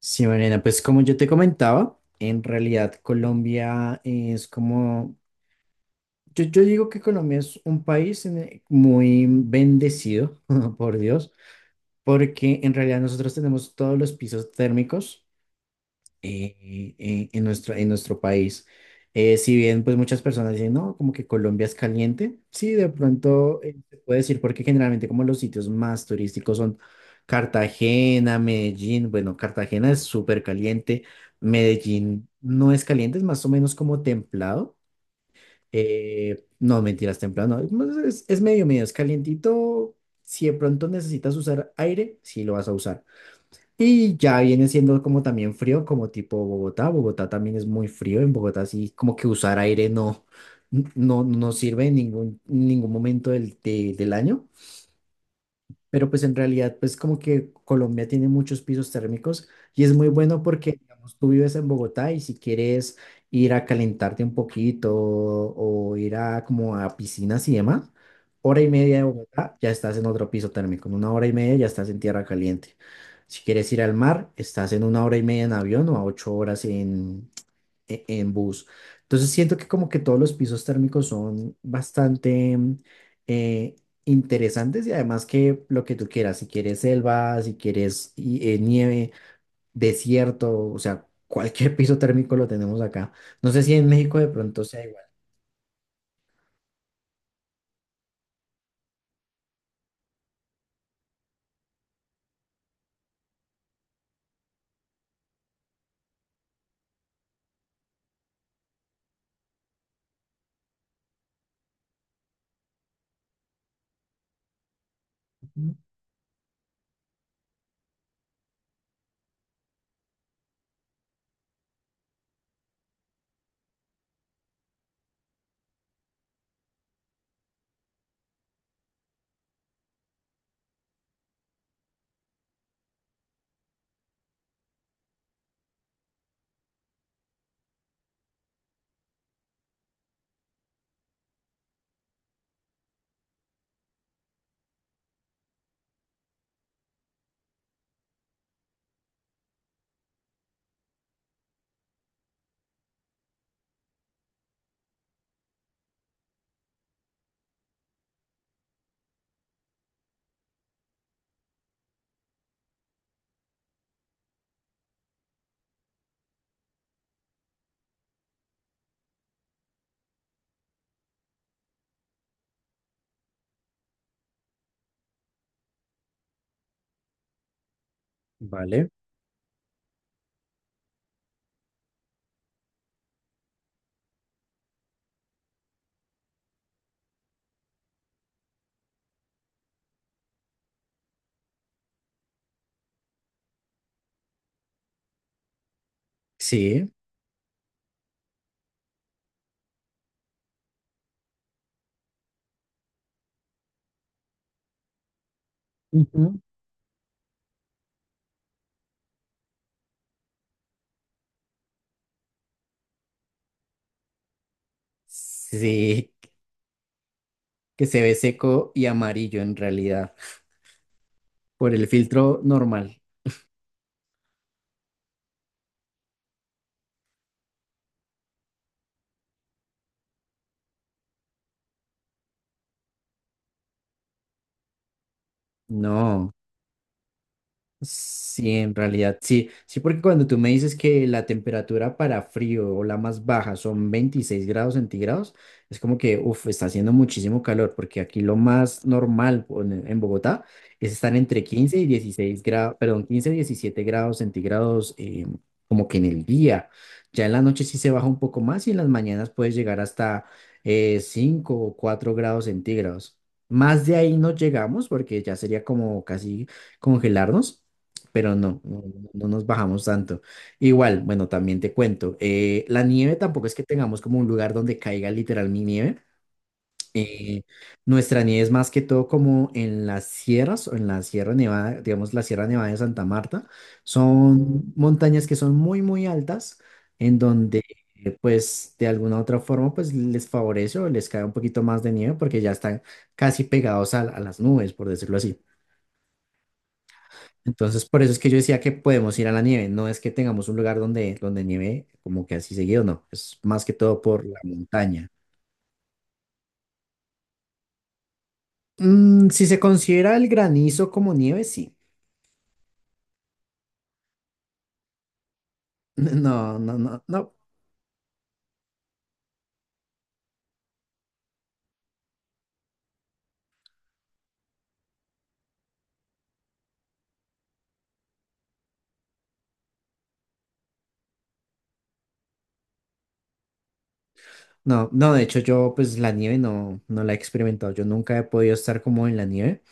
Sí, Mariana, pues como yo te comentaba, en realidad Colombia es como, yo digo que Colombia es un país muy bendecido, por Dios, porque en realidad nosotros tenemos todos los pisos térmicos en nuestro país. Si bien pues muchas personas dicen, no, como que Colombia es caliente, sí, de pronto se puede decir porque generalmente como los sitios más turísticos son Cartagena, Medellín, bueno, Cartagena es súper caliente. Medellín no es caliente, es más o menos como templado. No, mentiras, templado, no, es medio, medio, es calientito. Si de pronto necesitas usar aire, sí lo vas a usar y ya viene siendo como también frío, como tipo Bogotá. Bogotá también es muy frío. En Bogotá sí, como que usar aire no, no sirve en ningún, ningún momento del año, pero pues en realidad pues como que Colombia tiene muchos pisos térmicos y es muy bueno porque digamos, tú vives en Bogotá y si quieres ir a calentarte un poquito o ir a como a piscinas y demás, hora y media de Bogotá ya estás en otro piso térmico, en una hora y media ya estás en tierra caliente. Si quieres ir al mar, estás en una hora y media en avión o a 8 horas en bus. Entonces siento que como que todos los pisos térmicos son bastante eh, interesantes y además que lo que tú quieras, si quieres selva, si quieres nieve, desierto, o sea, cualquier piso térmico lo tenemos acá. No sé si en México de pronto sea igual. Ujú. Vale. Sí, ujú, sí, que se ve seco y amarillo en realidad por el filtro normal. No. Sí, en realidad, sí, sí, porque cuando tú me dices que la temperatura para frío o la más baja son 26 grados centígrados, es como que, uff, está haciendo muchísimo calor, porque aquí lo más normal o en Bogotá es estar entre 15 y 16 grados, perdón, 15 y 17 grados centígrados, como que en el día. Ya en la noche sí se baja un poco más y en las mañanas puedes llegar hasta 5 o 4 grados centígrados. Más de ahí no llegamos porque ya sería como casi congelarnos, pero no, no, no nos bajamos tanto. Igual, bueno, también te cuento, la nieve tampoco es que tengamos como un lugar donde caiga literal mi nieve. eh, Nuestra nieve es más que todo como en las sierras o en la Sierra Nevada, digamos la Sierra Nevada de Santa Marta. Son montañas que son muy, muy altas, en donde pues de alguna u otra forma pues les favorece o les cae un poquito más de nieve porque ya están casi pegados a las nubes, por decirlo así. Entonces, por eso es que yo decía que podemos ir a la nieve. No es que tengamos un lugar donde nieve como que así seguido, no. Es más que todo por la montaña. Si se considera el granizo como nieve, sí. No, no, no, no. No, no, de hecho yo pues la nieve no la he experimentado. Yo nunca he podido estar como en la nieve,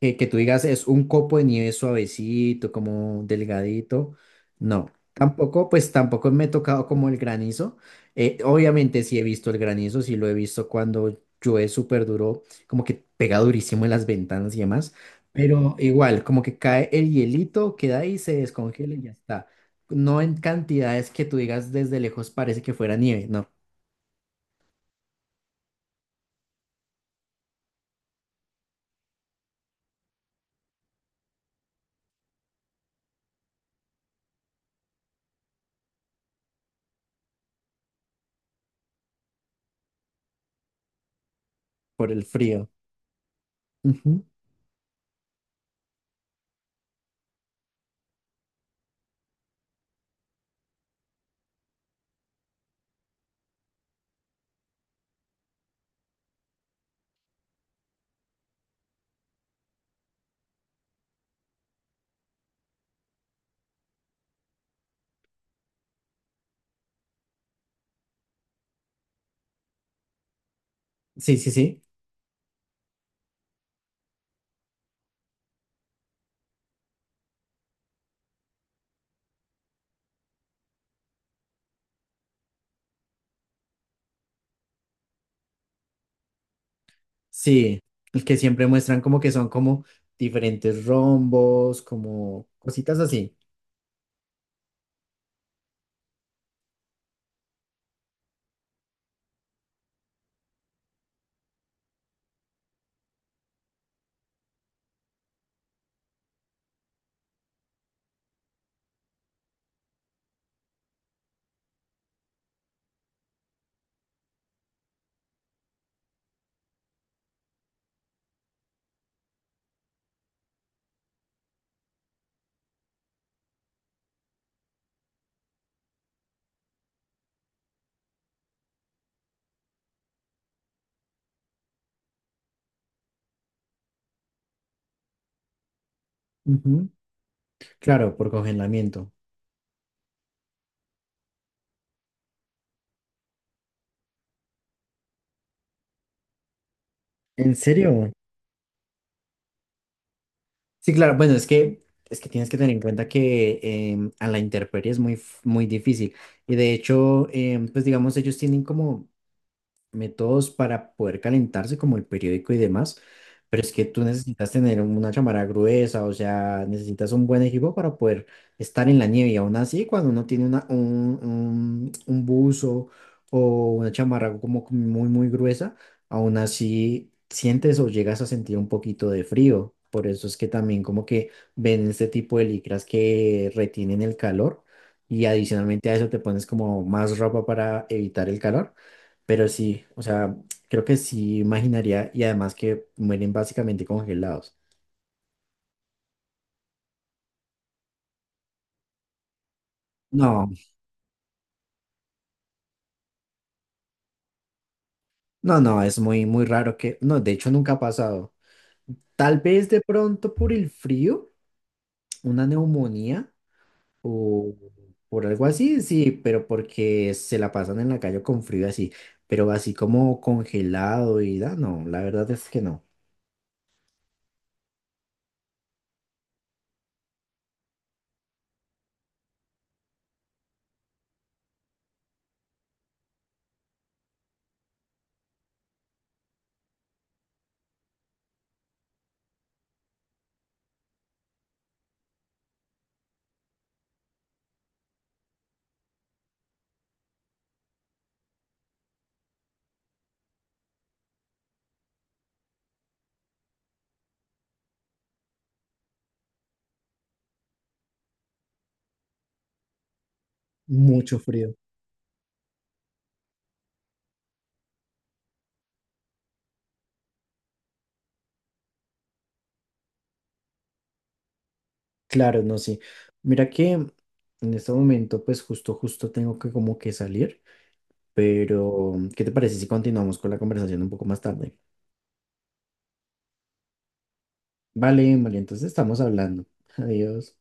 que tú digas es un copo de nieve suavecito, como delgadito. No, tampoco, pues tampoco me he tocado como el granizo. Obviamente sí he visto el granizo, sí lo he visto cuando llueve súper duro, como que pega durísimo en las ventanas y demás. Pero igual, como que cae el hielito, queda ahí, se descongela y ya está. No en cantidades que tú digas desde lejos parece que fuera nieve, no, por el frío. Ujú. Sí, sí, sí. Sí, el que siempre muestran como que son como diferentes rombos, como cositas así. Ujú. Claro, por congelamiento. ¿En serio? Sí, claro, bueno, es que tienes que tener en cuenta que a la intemperie es muy difícil. Y de hecho, pues digamos, ellos tienen como métodos para poder calentarse, como el periódico y demás, pero es que tú necesitas tener una chamarra gruesa, o sea, necesitas un buen equipo para poder estar en la nieve. Y aún así, cuando uno tiene un buzo o una chamarra como que muy, muy gruesa, aún así sientes o llegas a sentir un poquito de frío. Por eso es que también como que ven este tipo de licras que retienen el calor y adicionalmente a eso te pones como más ropa para evitar el calor. Pero sí, o sea, creo que sí imaginaría y además que mueren básicamente congelados. No, no, no, es muy, muy raro que, no, de hecho nunca ha pasado. Tal vez de pronto por el frío, una neumonía o por algo así, sí, pero porque se la pasan en la calle con frío así, pero así como congelado y da, no, la verdad es que no. Mucho frío. Claro, no, sí. Mira que en este momento, pues justo, justo tengo que como que salir. Pero, ¿qué te parece si continuamos con la conversación un poco más tarde? Vale, vale, entonces estamos hablando. Adiós.